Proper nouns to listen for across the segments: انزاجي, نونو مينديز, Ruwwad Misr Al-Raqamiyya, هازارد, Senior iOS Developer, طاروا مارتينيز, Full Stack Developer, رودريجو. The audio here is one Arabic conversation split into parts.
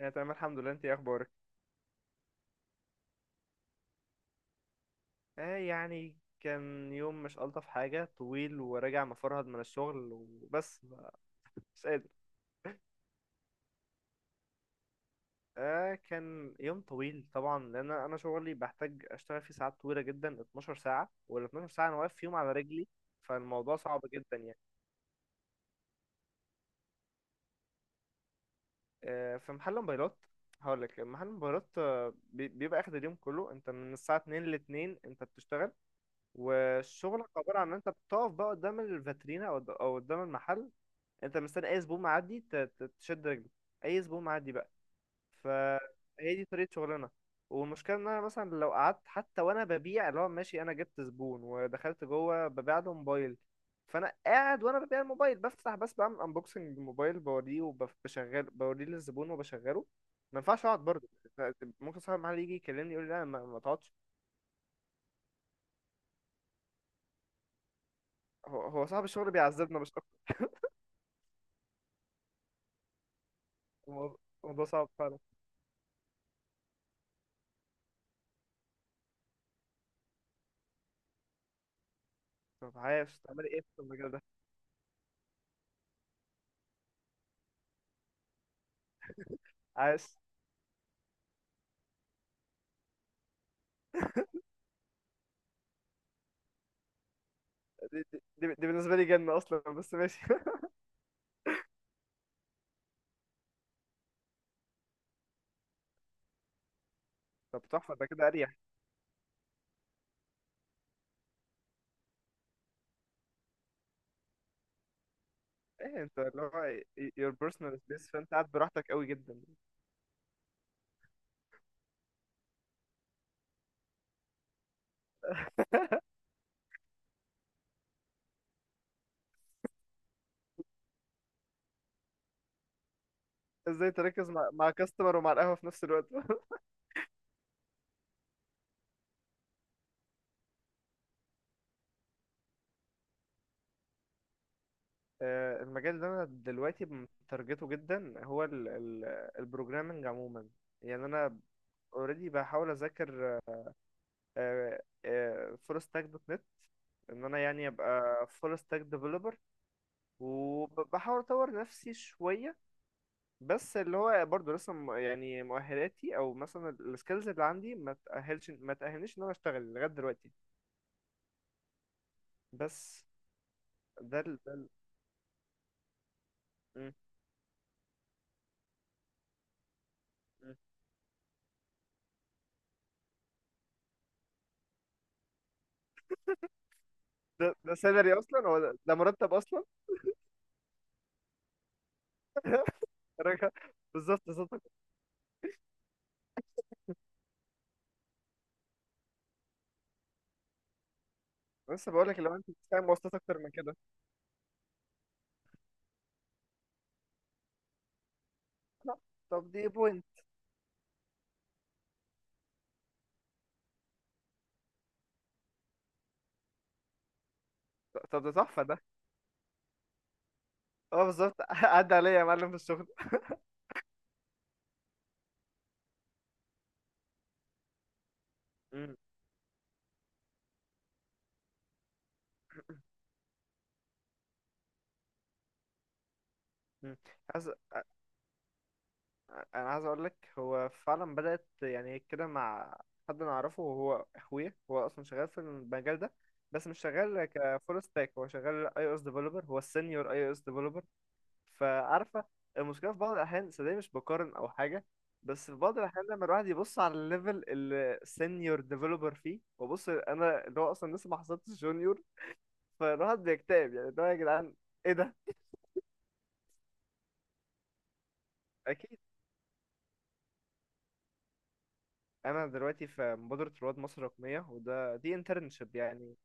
يعني تمام، الحمد لله. انت ايه اخبارك؟ اه، يعني كان يوم مش الطف حاجه، طويل، وراجع مفرهد من الشغل وبس. مش قادر. اه، كان يوم طويل طبعا، لان انا شغلي بحتاج اشتغل فيه ساعات طويله جدا، 12 ساعه، وال 12 ساعه انا واقف فيهم على رجلي. فالموضوع صعب جدا يعني. اه، في محل موبايلات. هقول لك محل موبايلات. اه، بيبقى اخد اليوم كله، انت من الساعه 2 ل 2 انت بتشتغل. وشغلك عباره عن ان انت بتقف بقى قدام الفاترينا او أو قدام المحل. انت مستني اي زبون معدي تشد رجله. اي زبون معدي بقى. فهي دي طريقه شغلنا. والمشكله ان انا مثلا لو قعدت حتى وانا ببيع، اللي هو ماشي انا جبت زبون ودخلت جوه ببيع له موبايل. فانا قاعد وانا ببيع الموبايل، بفتح بس بعمل انبوكسنج الموبايل، بوريه وبشغل بوريه للزبون وبشغله. ما ينفعش اقعد برضه. ممكن صاحب المحل يجي يكلمني يقول لي لا ما تقعدش. هو صاحب الشغل بيعذبنا مش اكتر. الموضوع صعب فعلا. طب عايش تعمل ايه في المجال ده؟ عايش. دي بالنسبة لي جنة أصلا، بس ماشي طب تحفة ده، كده أريح. إيه أنت اللي هو your personal space، فأنت قاعد براحتك قوي جدا. إزاي تركز مع كاستمر ومع القهوة في نفس الوقت؟ المجال اللي أنا دلوقتي مترجته جدا هو البروجرامنج عموما. يعني أنا اوريدي بحاول اذاكر فول ستاك دوت نت، ان انا يعني ابقى فول ستاك ديفلوبر. وبحاول اطور نفسي شويه، بس اللي هو برضه لسه يعني مؤهلاتي او مثلا السكيلز اللي عندي ما تأهلنيش ان انا اشتغل لغايه دلوقتي. بس. ده ال... ده ال... مم. مم. ده سالري اصلا، هو ده مرتب اصلا؟ راجع- بالظبط، بالظبط. لسه بقول لك، لو انت بتدفع مواصلات اكتر من كده. لا. طب دي بوينت. طب ده تحفه ده. اه، بالظبط عدى عليا يا معلم في الشغل. مم. مم. انا عايز اقول لك هو فعلا بدات يعني كده مع حد انا اعرفه، وهو اخويا، هو اصلا شغال في المجال ده. بس مش شغال كفول ستاك، هو شغال اي او اس ديفلوبر، هو السينيور اي او اس ديفلوبر. فعارفه. المشكله في بعض الاحيان، صدقني مش بقارن او حاجه. بس في بعض الاحيان، لما الواحد يبص على الليفل اللي السينيور ديفلوبر فيه، وبص انا اللي هو اصلا لسه ما حصلتش جونيور. فالواحد بيكتئب، يعني اللي هو يا جدعان، ايه ده؟ اكيد. انا دلوقتي في مبادره رواد مصر الرقميه، دي انترنشيب يعني.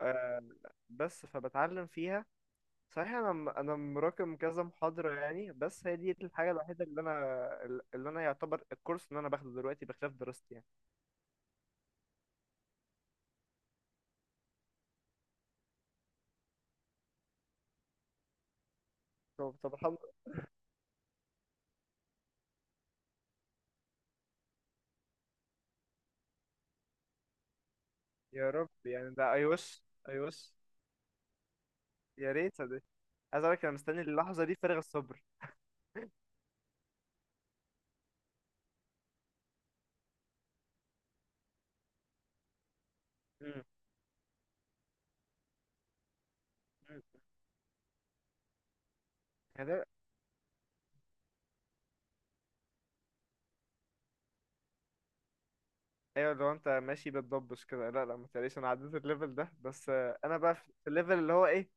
آه. بس فبتعلم فيها. صحيح انا مراكم كذا محاضرة يعني، بس هي دي الحاجة الوحيدة اللي انا، اللي انا يعتبر الكورس اللي انا باخده دلوقتي بخلاف دراستي يعني. طب الحمد لله. يا رب، يعني ده اي وش. اي وش. يا ريت، يا ريت. عايز اقول لك انا مستني اللحظة دي فارغ الصبر. مم. مم. هذا. ايوه، لو انت ماشي بتضبش كده، لا لا ما تقلقش انا عديت الليفل ده، بس انا بقى في الليفل اللي هو ايه.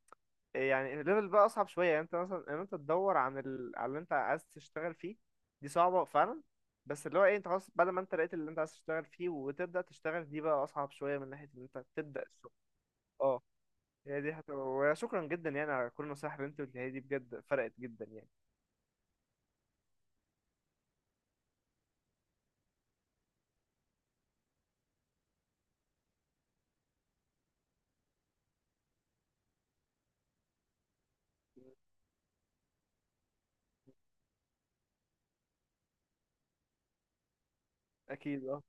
يعني الليفل بقى اصعب شويه، يعني انت مثلا ان انت تدور على اللي انت عايز تشتغل فيه. دي صعبه فعلا. بس اللي هو ايه، انت خلاص بعد ما انت لقيت اللي انت عايز تشتغل فيه وتبدا تشتغل، دي بقى اصعب شويه من ناحيه ان انت تبدا الشغل. اه. هي دي حتى، وشكرا جدا يعني على كل النصايح اللي انت قلتها لي دي، بجد فرقت جدا يعني. اكيد، اه.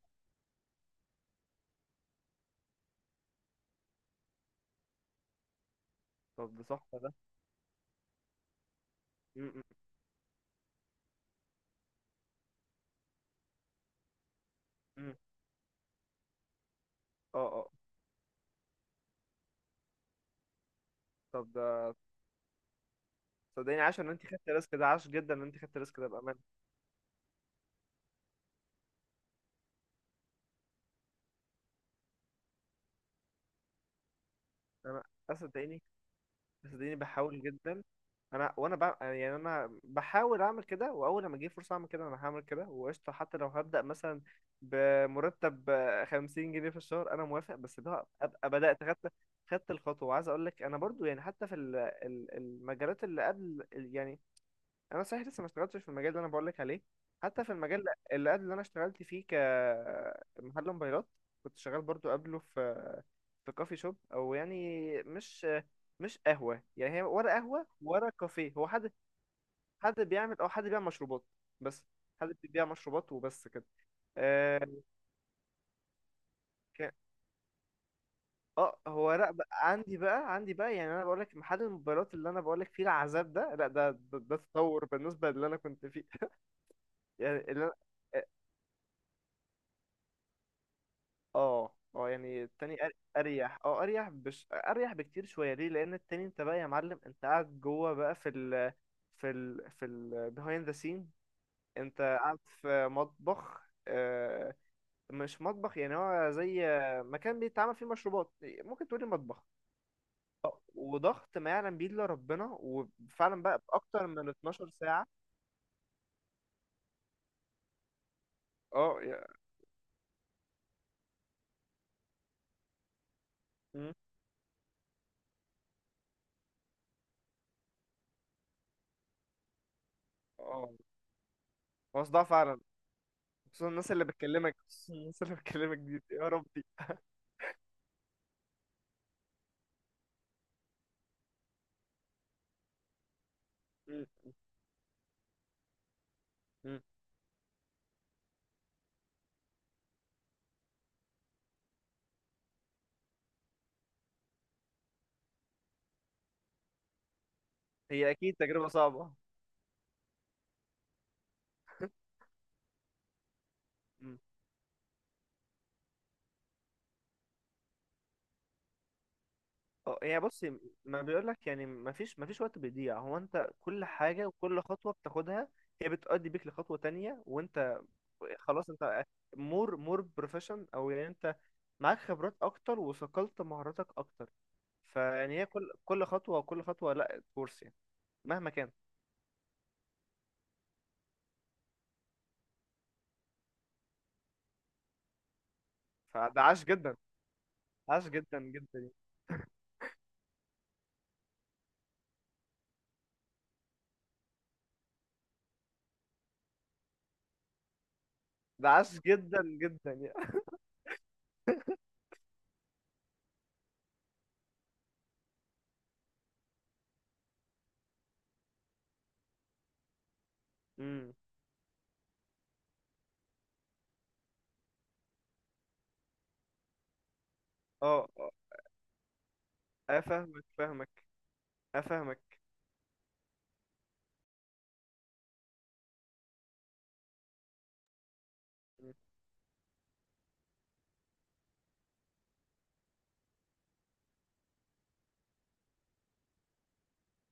طب ده صح ده. م- م- م. اه، اه. طب ده. صدقيني عاش ان انت خدت الريسك ده، عاش جدا ان انت خدت الريسك ده بامانه. انا. أنا، صدقيني. صدقيني بحاول جدا. يعني انا بحاول اعمل كده، واول لما اجيب فرصه اعمل كده انا هعمل كده وقشطه، حتى لو هبدا مثلا بمرتب 50 جنيه في الشهر انا موافق. بس ده ابقى بدات، خدت الخطوه. وعايز اقول لك انا برضو، يعني حتى في المجالات اللي قبل، يعني انا صحيح لسه ما اشتغلتش في المجال اللي انا بقول لك عليه. حتى في المجال اللي قبل، اللي انا اشتغلت فيه كمحل موبايلات، كنت شغال برضو قبله في كافي شوب، او يعني مش مش قهوه يعني، هي ورا قهوه ورا كافيه، هو حد، حد بيعمل او حد بيبيع مشروبات. بس حد بيبيع مشروبات وبس كده. اه، ك- هو، لا بقى عندي بقى يعني، انا بقول لك محل الموبايلات اللي انا بقول لك فيه العذاب ده، لا ده ده تطور بالنسبه للي انا كنت فيه يعني اه، اه، يعني التاني اريح. اه اريح بش اريح بكتير شويه، ليه؟ لان التاني انت بقى يا معلم، انت قاعد جوه بقى في ال، في ال behind the scenes. انت قاعد في مطبخ، مش مطبخ يعني، هو زي مكان بيتعمل فيه مشروبات، ممكن تقولي مطبخ. وضغط ما يعلم بيه الا ربنا، وفعلا بقى باكتر من 12 ساعة. اه، مم. اه، هو صداع فعلا، خصوصا الناس اللي بتكلمك دي يا ربي. مم. مم. هي اكيد تجربة صعبة. اه، يعني بص، ما بيقولك يعني، ما فيش وقت بيضيع، هو انت كل حاجة وكل خطوة بتاخدها هي بتؤدي بيك لخطوة تانية، وانت خلاص انت مور بروفيشن او يعني انت معاك خبرات اكتر وثقلت مهاراتك اكتر. فيعني هي كل خطوة، وكل خطوة لا كورس يعني، مهما كان، فده عاش جدا، عاش جدا جدا يعني. ده عاش جدا جدا يعني امم. اه، اه. افهمك، فاهمك، افهمك.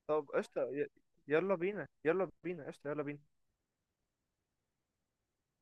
طب قشطة، يلا بينا، يلا بينا قشطة، يلا بينا.